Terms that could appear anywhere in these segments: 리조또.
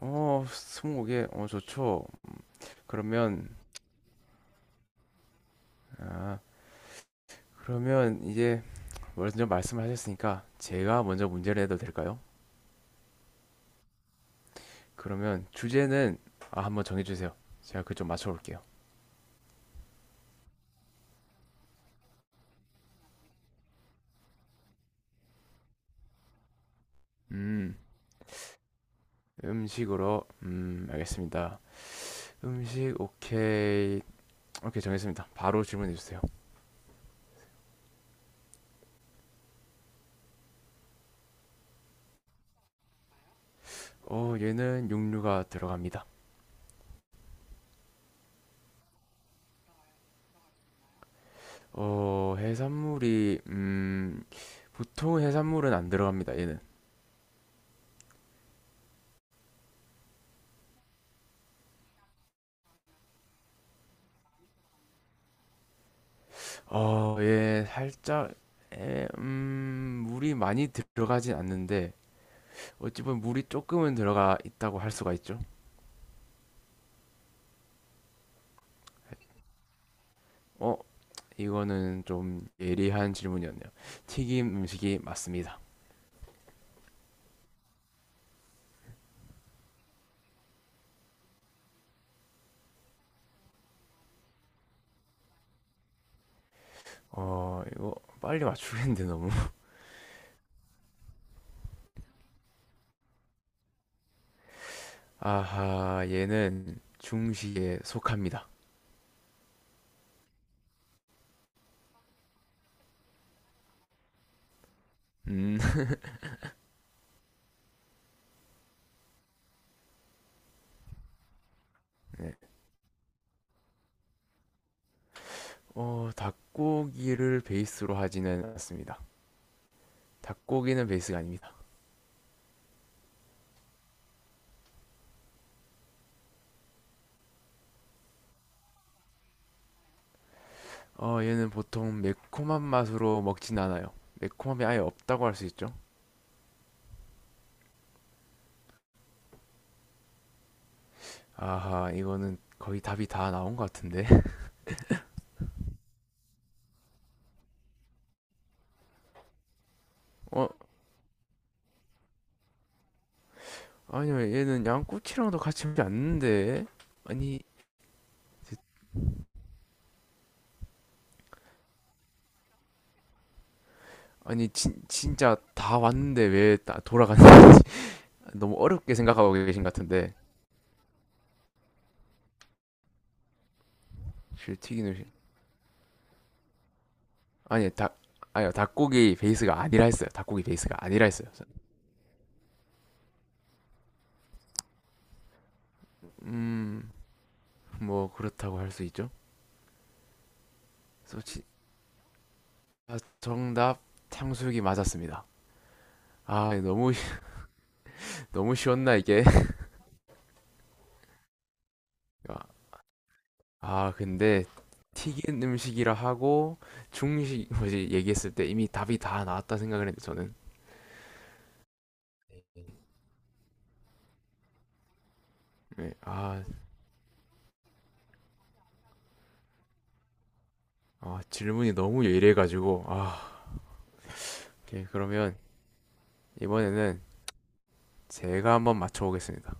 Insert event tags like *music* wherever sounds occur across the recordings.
스무고개, 좋죠. 그러면, 아, 그러면 이제 먼저 말씀을 하셨으니까 제가 먼저 문제를 해도 될까요? 그러면 주제는, 한번 정해주세요. 제가 그 좀 맞춰볼게요. 음, 음식으로, 알겠습니다. 음식, 오케이. 오케이, 정했습니다. 바로 질문해주세요. 얘는 육류가 들어갑니다. 어, 해산물이, 음, 보통 해산물은 안 들어갑니다, 얘는. 예, 살짝, 에, 음, 물이 많이 들어가진 않는데, 어찌 보면 물이 조금은 들어가 있다고 할 수가 있죠. 어, 이거는 좀 예리한 질문이었네요. 튀김 음식이 맞습니다. 이거 빨리 맞추겠는데, 너무. *laughs* 아하, 얘는 중식에 속합니다. 음, *laughs* 네. 닭고기를 베이스로 하지는 않습니다. 닭고기는 베이스가 아닙니다. 얘는 보통 매콤한 맛으로 먹진 않아요. 매콤함이 아예 없다고 할 수 있죠. 아하, 이거는 거의 답이 다 나온 것 같은데. *laughs* 어, 아니요, 얘는 양꼬치랑도 같이 먹지 않는데. 아니, 지- 아니, 진짜 다 왔는데 왜 다 돌아갔는지. *laughs* 너무 어렵게 생각하고 계신 것 같은데. 실 튀기는, 실- 아니, 아니요, 닭고기 베이스가 아니라 했어요. 닭고기 베이스가 아니라 했어요. 음, 뭐, 그렇다고 할 수 있죠. 그래서 지- 정답, 탕수육이 맞았습니다. 아, 너무, *laughs* 쉬- 너무 쉬웠나, 이게? *laughs* 근데, 튀긴 음식이라 하고, 중식, 뭐지, 얘기했을 때 이미 답이 다 나왔다 생각을 했는데, 저는. 네, 질문이 너무 예리해가지고. 오케이, 그러면, 이번에는 제가 한번 맞춰보겠습니다.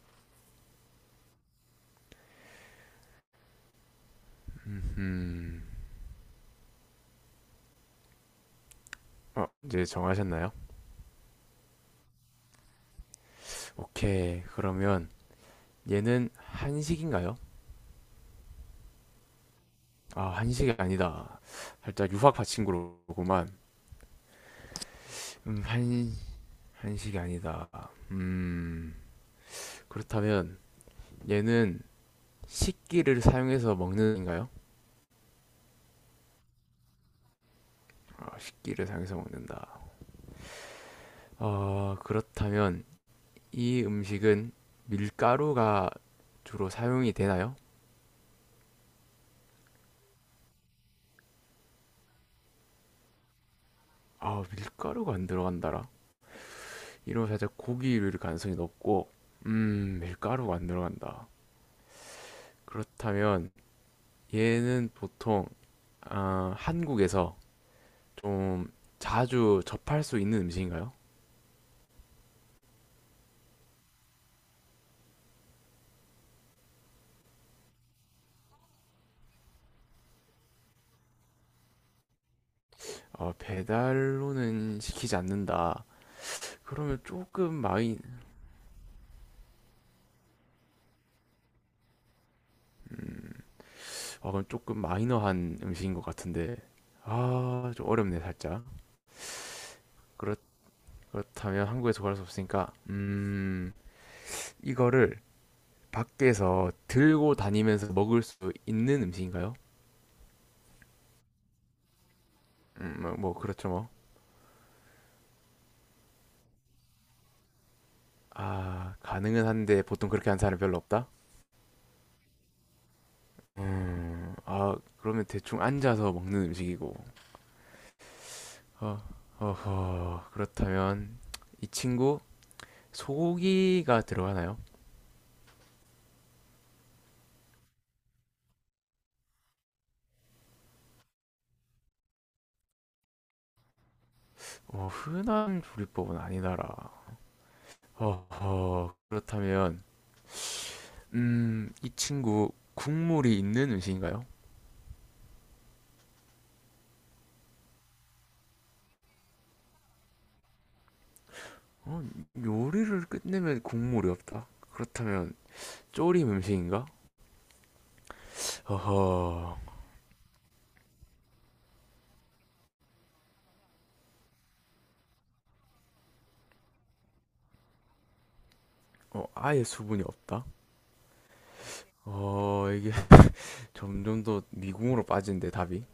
음, 이제 정하셨나요? 오케이, 그러면, 얘는 한식인가요? 한식이 아니다. 살짝 유학 파친구로구만. 음, 한, 한식이 아니다. 음, 그렇다면 얘는 식기를 사용해서 먹는가요? 식기를 사용해서 먹는다. 그렇다면 이 음식은 밀가루가 주로 사용이 되나요? 밀가루가 안 들어간다라. 이러면 살짝 고기일 가능성이 높고, 밀가루가 안 들어간다. 그렇다면 얘는 보통 한국에서 좀 자주 접할 수 있는 음식인가요? 배달로는 시키지 않는다. 그러면 조금 마이, 아, 그럼 조금 마이너한 음식인 것 같은데, 좀 어렵네, 살짝. 그렇, 그렇다면 한국에서 구할 수 없으니까, 이거를 밖에서 들고 다니면서 먹을 수 있는 음식인가요? 뭐, 그렇죠, 뭐. 가능은 한데 보통 그렇게 하는 사람이 별로 없다? 그러면 대충 앉아서 먹는 음식이고, 어, 어허, 그렇다면 이 친구 소고기가 들어가나요? 흔한 조리법은 아니다라. 허허, 그렇다면, 이 친구 국물이 있는 음식인가요? 어, 요리를 끝내면 국물이 없다. 그렇다면 조림 음식인가? 허허, 아예 수분이 없다. 이게 *laughs* 점점 더 미궁으로 빠지는데 답이.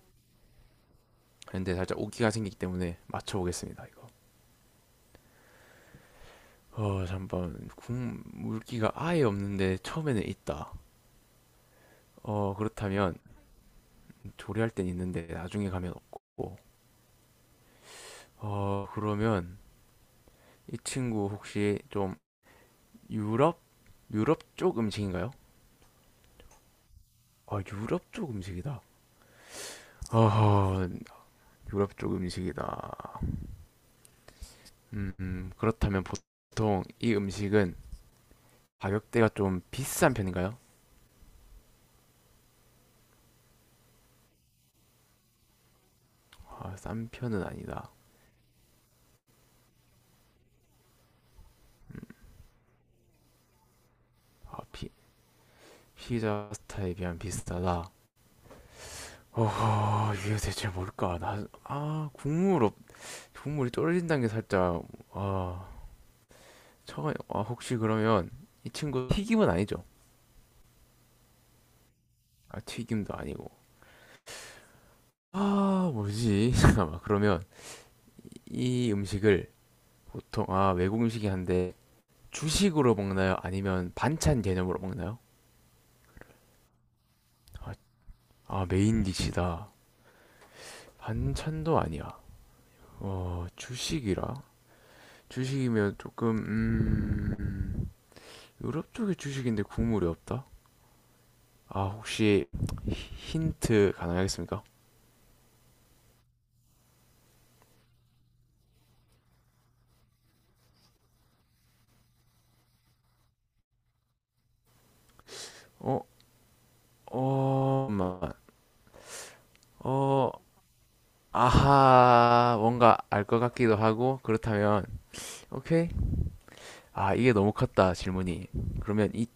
근데 살짝 오기가 생기기 때문에 맞춰보겠습니다, 이거. 잠깐, 국물기가 아예 없는데 처음에는 있다. 그렇다면 조리할 땐 있는데 나중에 가면 없고. 그러면 이 친구 혹시 좀 유럽? 유럽 쪽 음식인가요? 유럽 쪽 음식이다. 어 유럽 쪽 음식이다. 그렇다면 보통 이 음식은 가격대가 좀 비싼 편인가요? 싼 편은 아니다. 아, 피, 피자 스타일에 비하면 비싸다. 어허, 이게 대체 뭘까? 나, 아, 국물 없, 국물이 쫄린다는 게 살짝, 아, 처아 혹시 그러면 이 친구 튀김은 아니죠? 튀김도 아니고. 뭐지? *laughs* 잠깐만, 그러면 이 음식을 보통, 외국 음식이 한데, 주식으로 먹나요? 아니면 반찬 개념으로 먹나요? 아, 메인 디시다. 반찬도 아니야. 주식이라. 주식이면 조금 유럽 쪽의 주식인데 국물이 없다? 혹시 힌트 가능하겠습니까? 어? 잠깐만. 어... 아하, 뭔가 알 것 같기도 하고, 그렇다면, 오케이. 이게 너무 컸다, 질문이. 그러면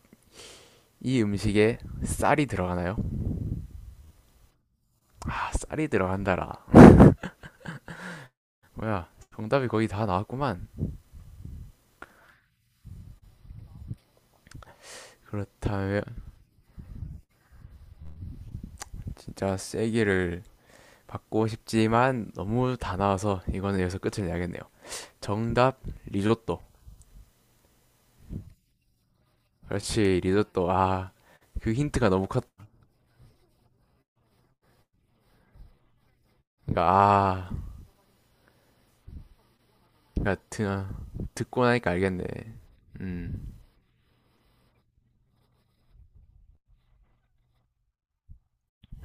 이 음식에 쌀이 들어가나요? 쌀이 들어간다라. 뭐야, 정답이 거의 다 나왔구만. 그렇다면, 진짜 세기를 받고 싶지만, 너무 다 나와서, 이거는 여기서 끝을 내야겠네요. 정답, 리조또. 그렇지, 리조또. 그 힌트가 너무 그니까, 그니까, 듣고 나니까 알겠네. 음,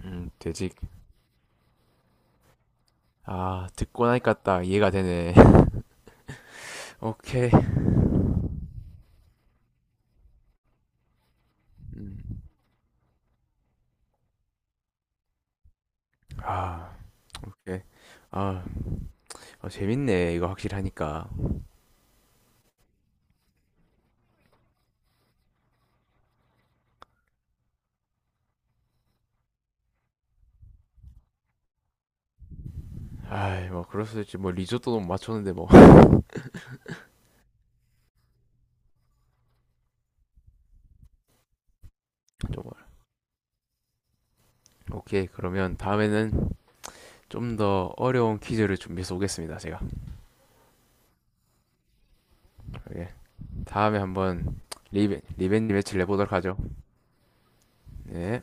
음, 돼지 듣고 나니까 딱 이해가 되네. *laughs* 오케이. 음, 아, 오케이. 아, 재밌네. 이거 확실히 하니까. 아이, 뭐, 그럴 수도 있지. 뭐, 리조또도 못 맞췄는데, 뭐. *laughs* 정말. 오케이. 그러면 다음에는 좀 더 어려운 퀴즈를 준비해서 오겠습니다. 제가. 예. 다음에 한번 리벤지 매치를 해보도록 하죠. 예.